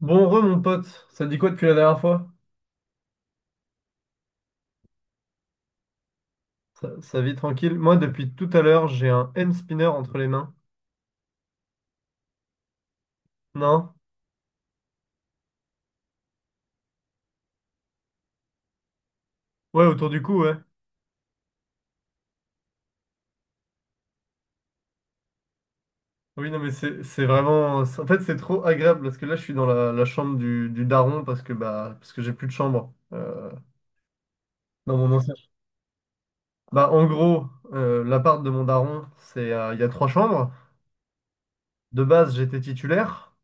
Bon re mon pote, ça te dit quoi depuis la dernière fois? Ça vit tranquille. Moi depuis tout à l'heure j'ai un hand spinner entre les mains. Non? Ouais autour du cou, ouais. Oui non mais c'est vraiment. En fait c'est trop agréable parce que là je suis dans la chambre du daron parce que parce que j'ai plus de chambre dans mon ancien. Bah en gros l'appart de mon daron c'est il y a trois chambres. De base j'étais titulaire.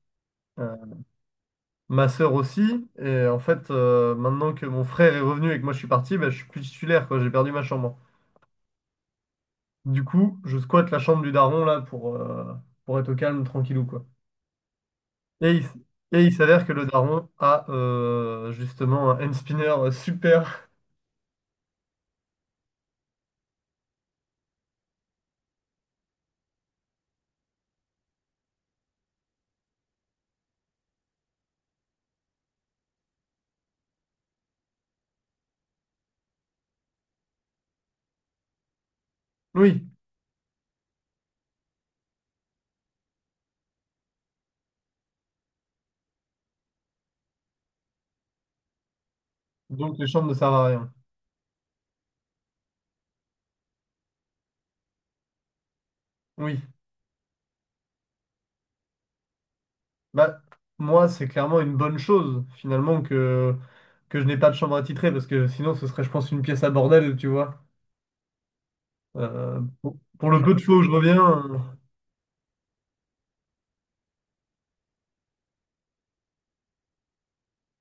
euh, Ma sœur aussi, et en fait, maintenant que mon frère est revenu et que moi je suis parti, bah, je suis plus titulaire, quoi. J'ai perdu ma chambre. Du coup, je squatte la chambre du daron là pour être au calme, tranquillou quoi. Et il, s- et il s'avère que le daron a justement un hand spinner super. Oui, donc les chambres ne servent à rien. Oui, bah moi c'est clairement une bonne chose que je n'ai pas de chambre attitrée parce que sinon ce serait je pense une pièce à bordel, tu vois. Pour le peu de fois où je reviens. Euh,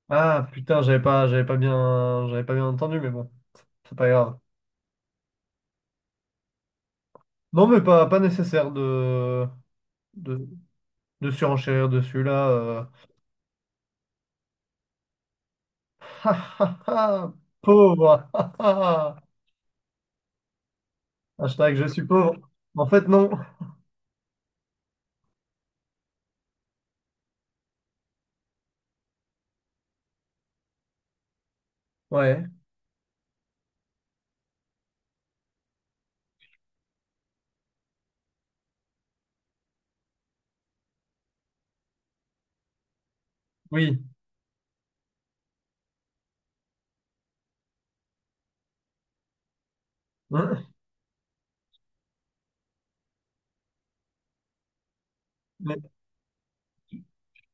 Ah putain, j'avais pas bien entendu, mais bon, c'est pas grave. Non mais pas nécessaire de de... de surenchérir dessus là. Ha, ha, ha, pauvre. Ha, ha, ha. Hashtag je suis pauvre. En fait, non. Ouais. Oui. Hein. Mais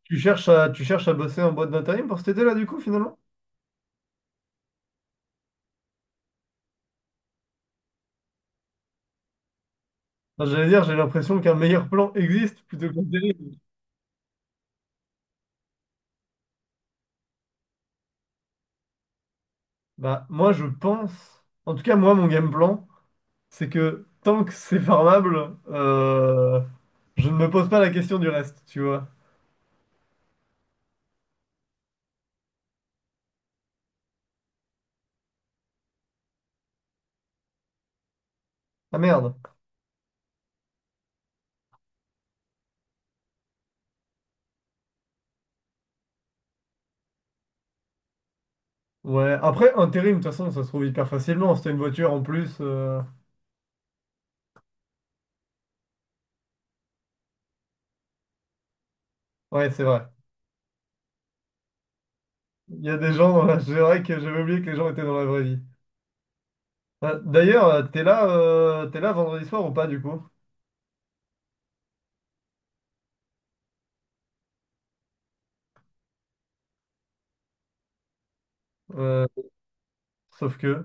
tu cherches à bosser en boîte d'intérim pour cet été là, du coup, finalement? Enfin, j'allais dire, j'ai l'impression qu'un meilleur plan existe plutôt que terrible. Bah, moi, je pense. En tout cas, moi, mon game plan, c'est que tant que c'est farmable, je ne me pose pas la question du reste, tu vois. Ah merde. Ouais, après, intérim, de toute façon, ça se trouve hyper facilement. Si t'as une voiture en plus. Ouais, c'est vrai. Il y a des gens dans la... C'est vrai que j'avais oublié que les gens étaient dans la vraie vie. D'ailleurs, t'es là vendredi soir ou pas du coup? Euh, sauf que.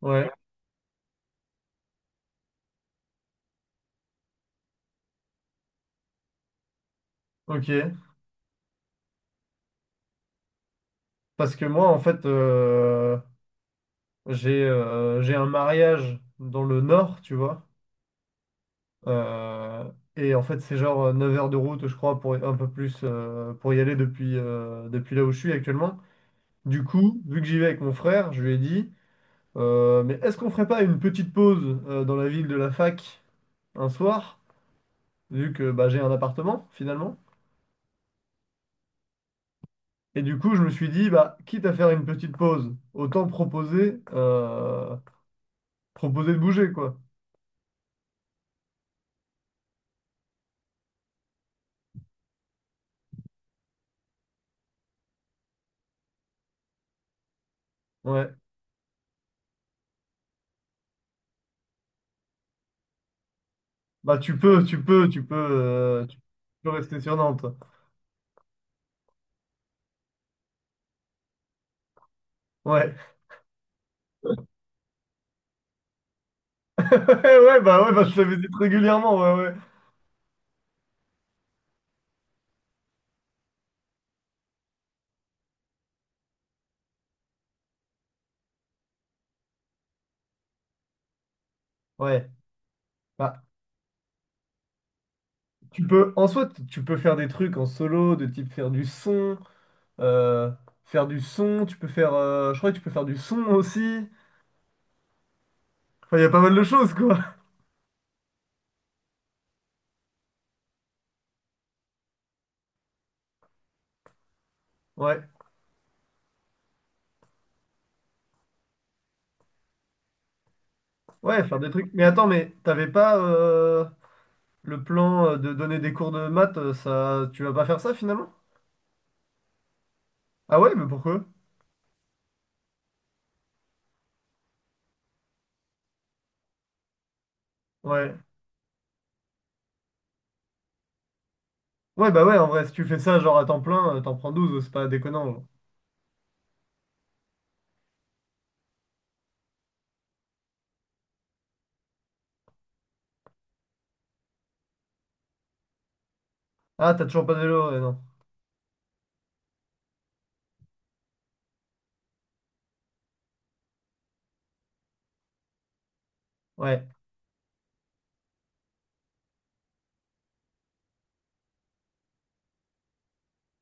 Ouais, ok. Parce que moi, en fait, j'ai un mariage dans le nord, tu vois. Euh, et en fait, c'est genre 9 heures de route, je crois, pour un peu plus pour y aller depuis, depuis là où je suis actuellement. Du coup, vu que j'y vais avec mon frère, je lui ai dit, mais est-ce qu'on ferait pas une petite pause dans la ville de la fac? Un soir, vu que bah, j'ai un appartement finalement. Et du coup, je me suis dit, bah, quitte à faire une petite pause, autant proposer, proposer de bouger, quoi. Ouais. Bah, tu peux rester sur Nantes. Ouais. Ouais, ouais, bah, je te visite régulièrement, ouais, ouais. Ouais. Bah, tu peux, en soi, tu peux faire des trucs en solo, de type faire du son, euh, tu peux faire, je crois que tu peux faire du son aussi. Enfin, il y a pas mal de choses, quoi. Ouais. Ouais, faire des trucs. Mais attends, mais t'avais pas le plan de donner des cours de maths, ça, tu vas pas faire ça finalement? Ah ouais, mais pourquoi? Ouais. Ouais, bah ouais, en vrai, si tu fais ça genre à temps plein, t'en prends douze, c'est pas déconnant. Genre. Ah, t'as toujours pas de vélo, ouais, non. Ouais.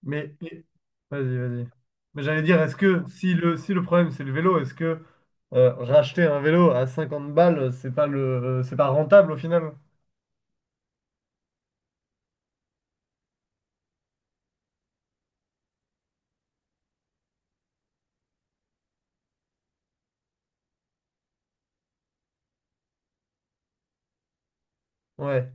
Mais et- vas-y, vas-y. Mais j'allais dire, est-ce que si le problème c'est le vélo, est-ce que racheter un vélo à 50 balles, c'est pas le c'est pas rentable au final? Ouais.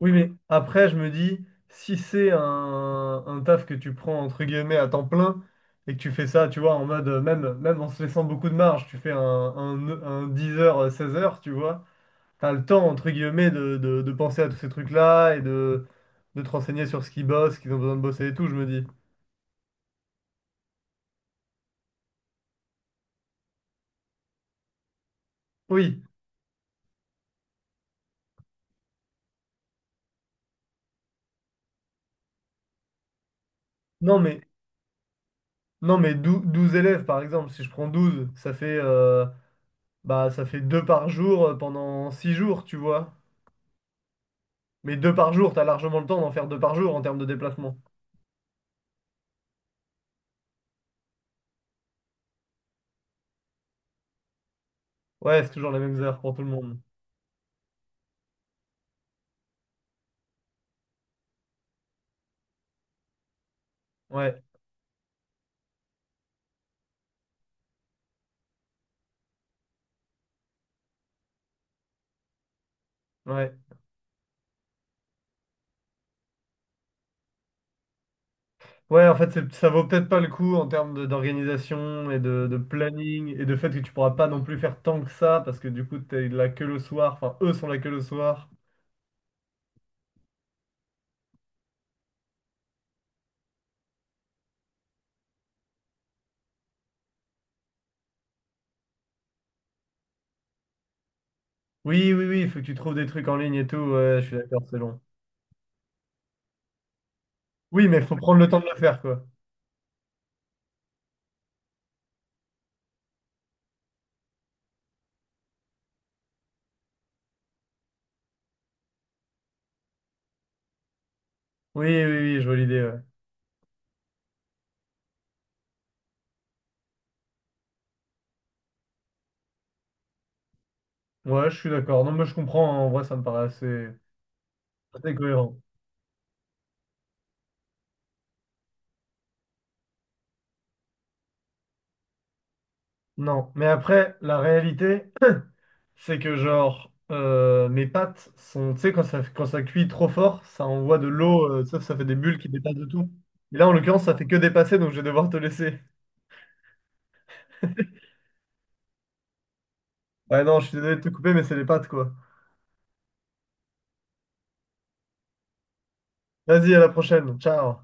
Oui, mais après, je me dis, si c'est un taf que tu prends entre guillemets à temps plein et que tu fais ça, tu vois, en mode, même en se laissant beaucoup de marge, tu fais un 10h, 16h, tu vois, t'as le temps entre guillemets de penser à tous ces trucs-là et de te renseigner sur ce qu'ils bossent, ce qu'ils ont besoin de bosser et tout, je me dis. Oui, non, mais, non, mais dou- 12 élèves par exemple, si je prends 12 ça fait, bah, ça fait 2 par jour pendant 6 jours, tu vois. Mais deux par jour, t'as largement le temps d'en faire deux par jour en termes de déplacement. Ouais, c'est toujours les mêmes heures pour tout le monde. Ouais, ouais. Ouais, en fait, ça vaut peut-être pas le coup en termes d'organisation et de planning et de fait que tu pourras pas non plus faire tant que ça parce que du coup, t'es là que le soir. Enfin, eux sont là que le soir. Oui, oui, oui, il faut que tu trouves des trucs en ligne et tout. Ouais, je suis d'accord, c'est long. Oui, mais il faut prendre le temps de le faire, quoi. Oui, oui, oui, je vois l'idée, ouais. Ouais, je suis d'accord. Non, mais je comprends. En vrai, ça me paraît assez, assez cohérent. Non, mais après, la réalité. C'est que genre mes pâtes sont, tu sais, quand ça cuit trop fort, ça envoie de l'eau, ça fait des bulles qui dépassent de tout. Et là, en l'occurrence, ça fait que dépasser, donc je vais devoir te laisser. Ouais, non, je suis désolé de te couper, mais c'est les pâtes, quoi. Vas-y, à la prochaine. Ciao.